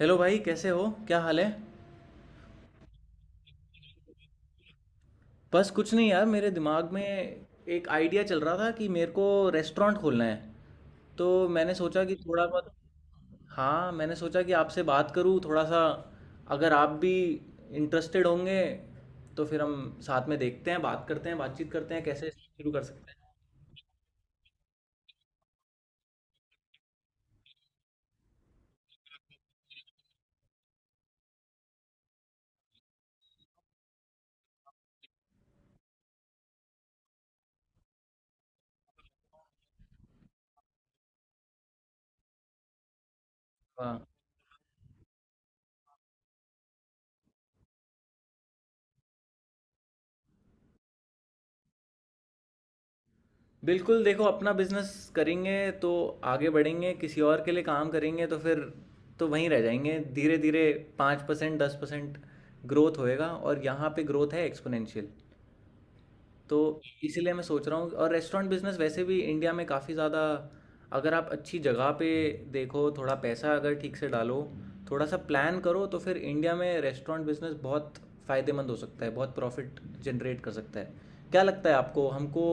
Hello भाई, कैसे हो, क्या हाल है। बस कुछ नहीं यार, मेरे दिमाग में एक आइडिया चल रहा था कि मेरे को रेस्टोरेंट खोलना है। तो मैंने सोचा कि थोड़ा बहुत, हाँ, मैंने सोचा कि आपसे बात करूँ थोड़ा सा, अगर आप भी इंटरेस्टेड होंगे तो फिर हम साथ में देखते हैं, बात करते हैं, बातचीत करते हैं कैसे शुरू कर सकते हैं। हाँ, बिल्कुल, देखो अपना बिजनेस करेंगे तो आगे बढ़ेंगे, किसी और के लिए काम करेंगे तो फिर तो वहीं रह जाएंगे। धीरे धीरे 5%, 10% ग्रोथ होएगा, और यहाँ पे ग्रोथ है एक्सपोनेंशियल। तो इसीलिए मैं सोच रहा हूँ। और रेस्टोरेंट बिजनेस वैसे भी इंडिया में काफ़ी ज़्यादा, अगर आप अच्छी जगह पे देखो, थोड़ा पैसा अगर ठीक से डालो, थोड़ा सा प्लान करो, तो फिर इंडिया में रेस्टोरेंट बिजनेस बहुत फ़ायदेमंद हो सकता है, बहुत प्रॉफिट जनरेट कर सकता है। क्या लगता है आपको, हमको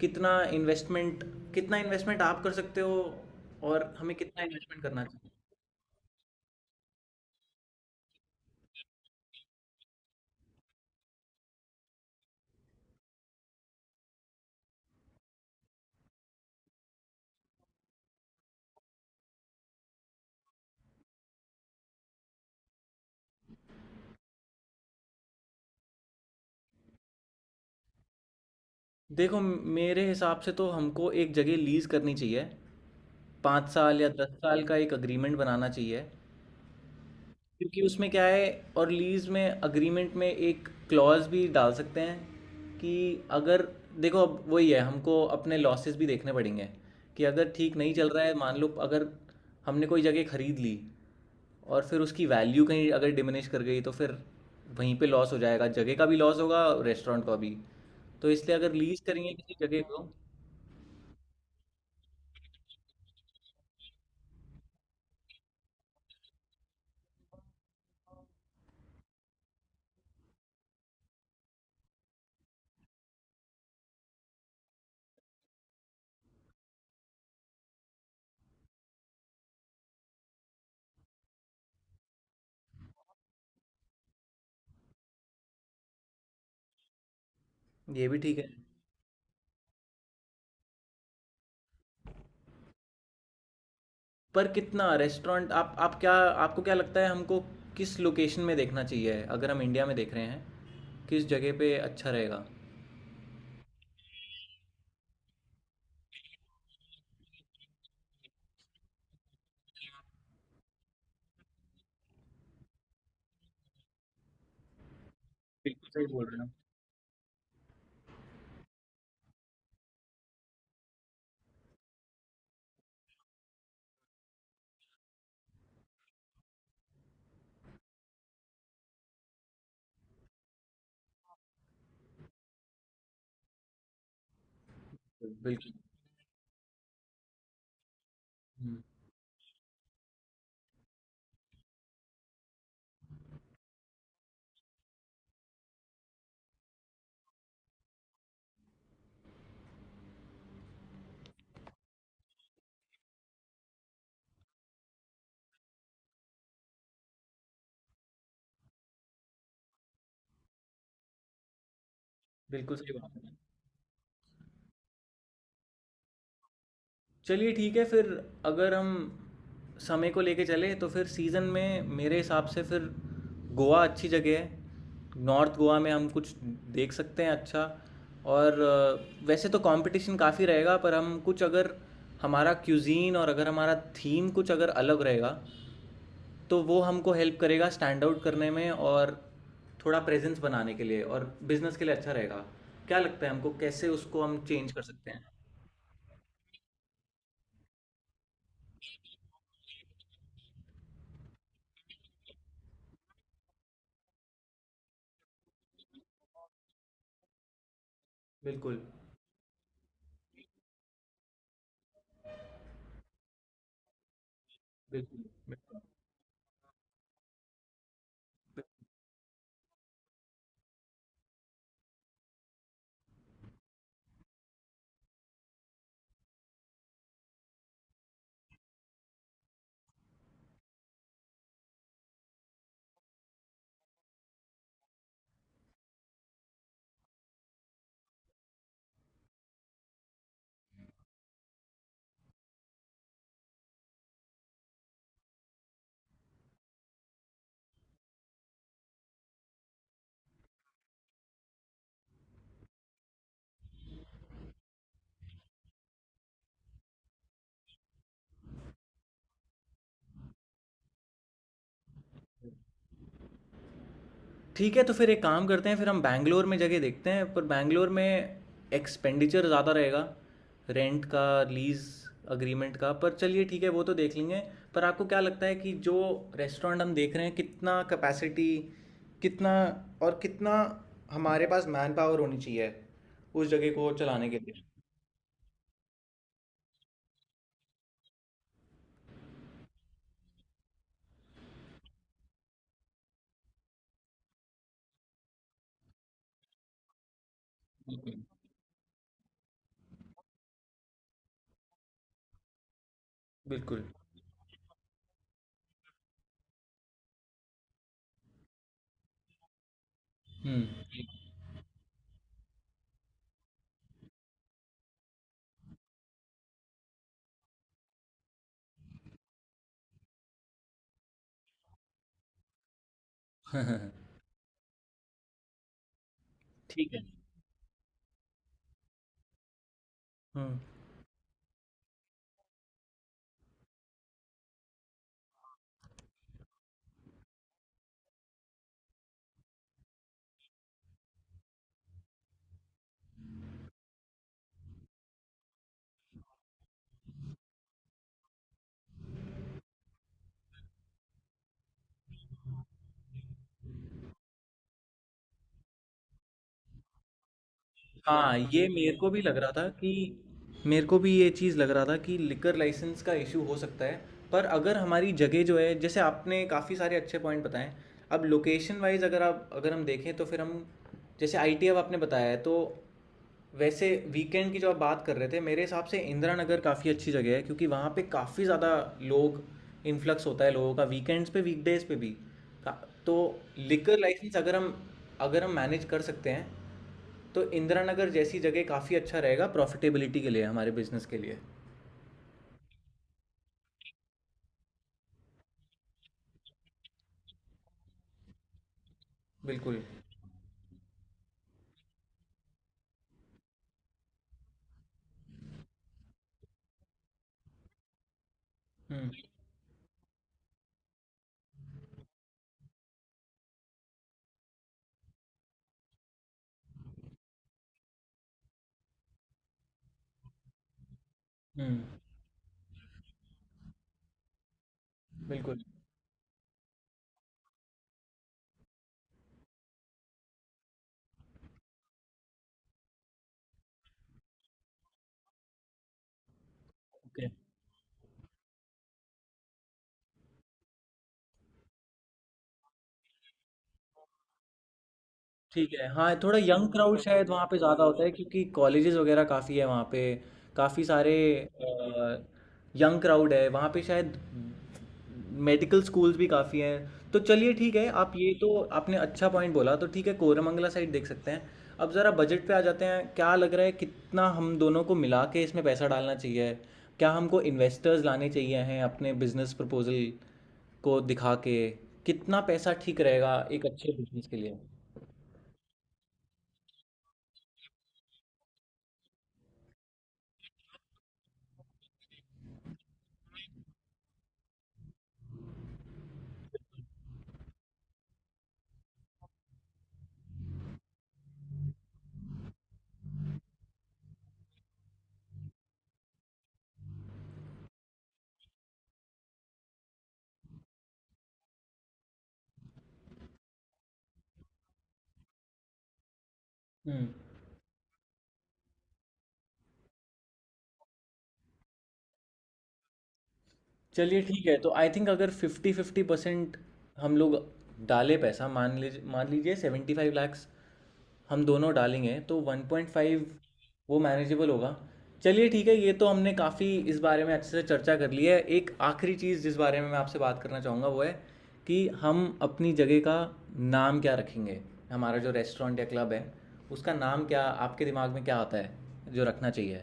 कितना इन्वेस्टमेंट, कितना इन्वेस्टमेंट आप कर सकते हो और हमें कितना इन्वेस्टमेंट करना चाहिए। देखो मेरे हिसाब से तो हमको एक जगह लीज़ करनी चाहिए। 5 साल या 10 साल का एक अग्रीमेंट बनाना चाहिए, क्योंकि उसमें क्या है, और लीज़ में अग्रीमेंट में एक क्लॉज भी डाल सकते हैं कि अगर, देखो, अब वही है, हमको अपने लॉसेस भी देखने पड़ेंगे कि अगर ठीक नहीं चल रहा है, मान लो, अगर हमने कोई जगह खरीद ली और फिर उसकी वैल्यू कहीं अगर डिमिनिश कर गई तो फिर वहीं पे लॉस हो जाएगा, जगह का भी लॉस होगा, रेस्टोरेंट का भी। तो इसलिए अगर लीज़ करेंगे किसी जगह को, ये भी ठीक है। पर कितना रेस्टोरेंट, आप क्या, आपको क्या लगता है हमको किस लोकेशन में देखना चाहिए, अगर हम इंडिया में देख रहे हैं किस जगह पे अच्छा रहेगा। बिल्कुल सही बोल रहे हैं। आप बिल्कुल। हम्म, बिल्कुल सही बात है। चलिए ठीक है फिर, अगर हम समय को लेके चले तो फिर सीज़न में मेरे हिसाब से फिर गोवा अच्छी जगह है। नॉर्थ गोवा में हम कुछ देख सकते हैं। अच्छा, और वैसे तो कंपटीशन काफ़ी रहेगा, पर हम कुछ अगर, हमारा क्यूजीन और अगर हमारा थीम कुछ अगर अलग रहेगा, तो वो हमको हेल्प करेगा स्टैंड आउट करने में, और थोड़ा प्रेजेंस बनाने के लिए और बिजनेस के लिए अच्छा रहेगा। क्या लगता है हमको, कैसे उसको हम चेंज कर सकते हैं। बिल्कुल, बिल्कुल, बिल्कुल। ठीक है तो फिर एक काम करते हैं, फिर हम बैंगलोर में जगह देखते हैं। पर बैंगलोर में एक्सपेंडिचर ज़्यादा रहेगा, रेंट का, लीज़ अग्रीमेंट का। पर चलिए ठीक है, वो तो देख लेंगे। पर आपको क्या लगता है कि जो रेस्टोरेंट हम देख रहे हैं, कितना कैपेसिटी, कितना, और कितना हमारे पास मैन पावर होनी चाहिए उस जगह को चलाने के लिए। बिल्कुल। हम्म। ठीक है। हम्म। हाँ, ये मेरे को भी लग रहा था कि, मेरे को भी ये चीज़ लग रहा था कि लिकर लाइसेंस का इशू हो सकता है। पर अगर हमारी जगह जो है, जैसे आपने काफ़ी सारे अच्छे पॉइंट बताए, अब लोकेशन वाइज अगर आप, अगर हम देखें तो फिर हम, जैसे आईटी अब आपने बताया है, तो वैसे वीकेंड की जो आप बात कर रहे थे, मेरे हिसाब से इंदिरा नगर काफ़ी अच्छी जगह है, क्योंकि वहाँ पे काफ़ी ज़्यादा लोग इन्फ्लक्स होता है, लोगों का वीकेंड्स पे, वीकडेज पे भी। का- तो लिकर लाइसेंस अगर हम, अगर हम मैनेज कर सकते हैं, तो इंदिरा नगर जैसी जगह काफ़ी अच्छा रहेगा प्रॉफिटेबिलिटी के लिए, हमारे बिजनेस के लिए। बिल्कुल। हम्म। हम्म। बिल्कुल। ओके। ठीक है, हाँ, थोड़ा यंग क्राउड शायद वहाँ पे ज़्यादा होता है, क्योंकि कॉलेजेस वगैरह काफ़ी है वहाँ पे। काफ़ी सारे यंग क्राउड है वहाँ पे शायद, मेडिकल स्कूल्स भी काफ़ी हैं। तो चलिए ठीक है, आप ये तो, आपने अच्छा पॉइंट बोला, तो ठीक है कोरमंगला साइड देख सकते हैं। अब ज़रा बजट पे आ जाते हैं। क्या लग रहा है, कितना हम दोनों को मिला के इसमें पैसा डालना चाहिए। क्या हमको इन्वेस्टर्स लाने चाहिए हैं अपने बिजनेस प्रपोजल को दिखा के। कितना पैसा ठीक रहेगा एक अच्छे बिजनेस के लिए। हम्म। चलिए ठीक है, तो आई थिंक अगर 50-50% हम लोग डाले पैसा, मान लीजिए, 75 लाख हम दोनों डालेंगे तो 1.5, वो मैनेजेबल होगा। चलिए ठीक है, ये तो हमने काफ़ी इस बारे में अच्छे से चर्चा कर ली है। एक आखिरी चीज़ जिस बारे में मैं आपसे बात करना चाहूँगा, वो है कि हम अपनी जगह का नाम क्या रखेंगे। हमारा जो रेस्टोरेंट या क्लब है, उसका नाम क्या, आपके दिमाग में क्या आता है जो रखना चाहिए।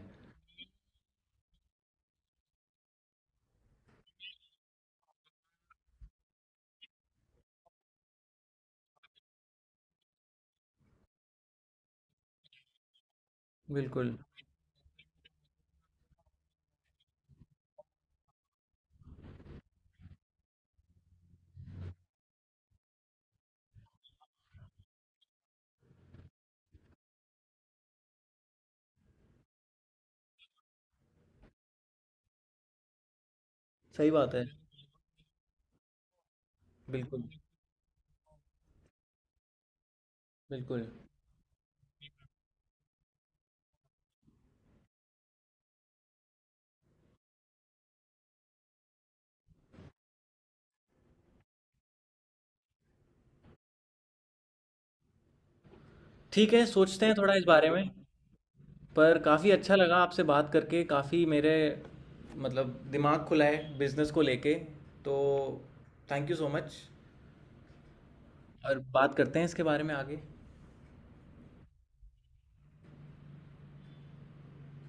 बिल्कुल सही बात है। बिल्कुल, बिल्कुल। ठीक है, सोचते हैं थोड़ा इस बारे में। पर काफ़ी अच्छा लगा आपसे बात करके, काफ़ी मेरे मतलब दिमाग खुला है बिजनेस को लेके। तो थैंक यू सो मच। और बात करते हैं इसके बारे में आगे।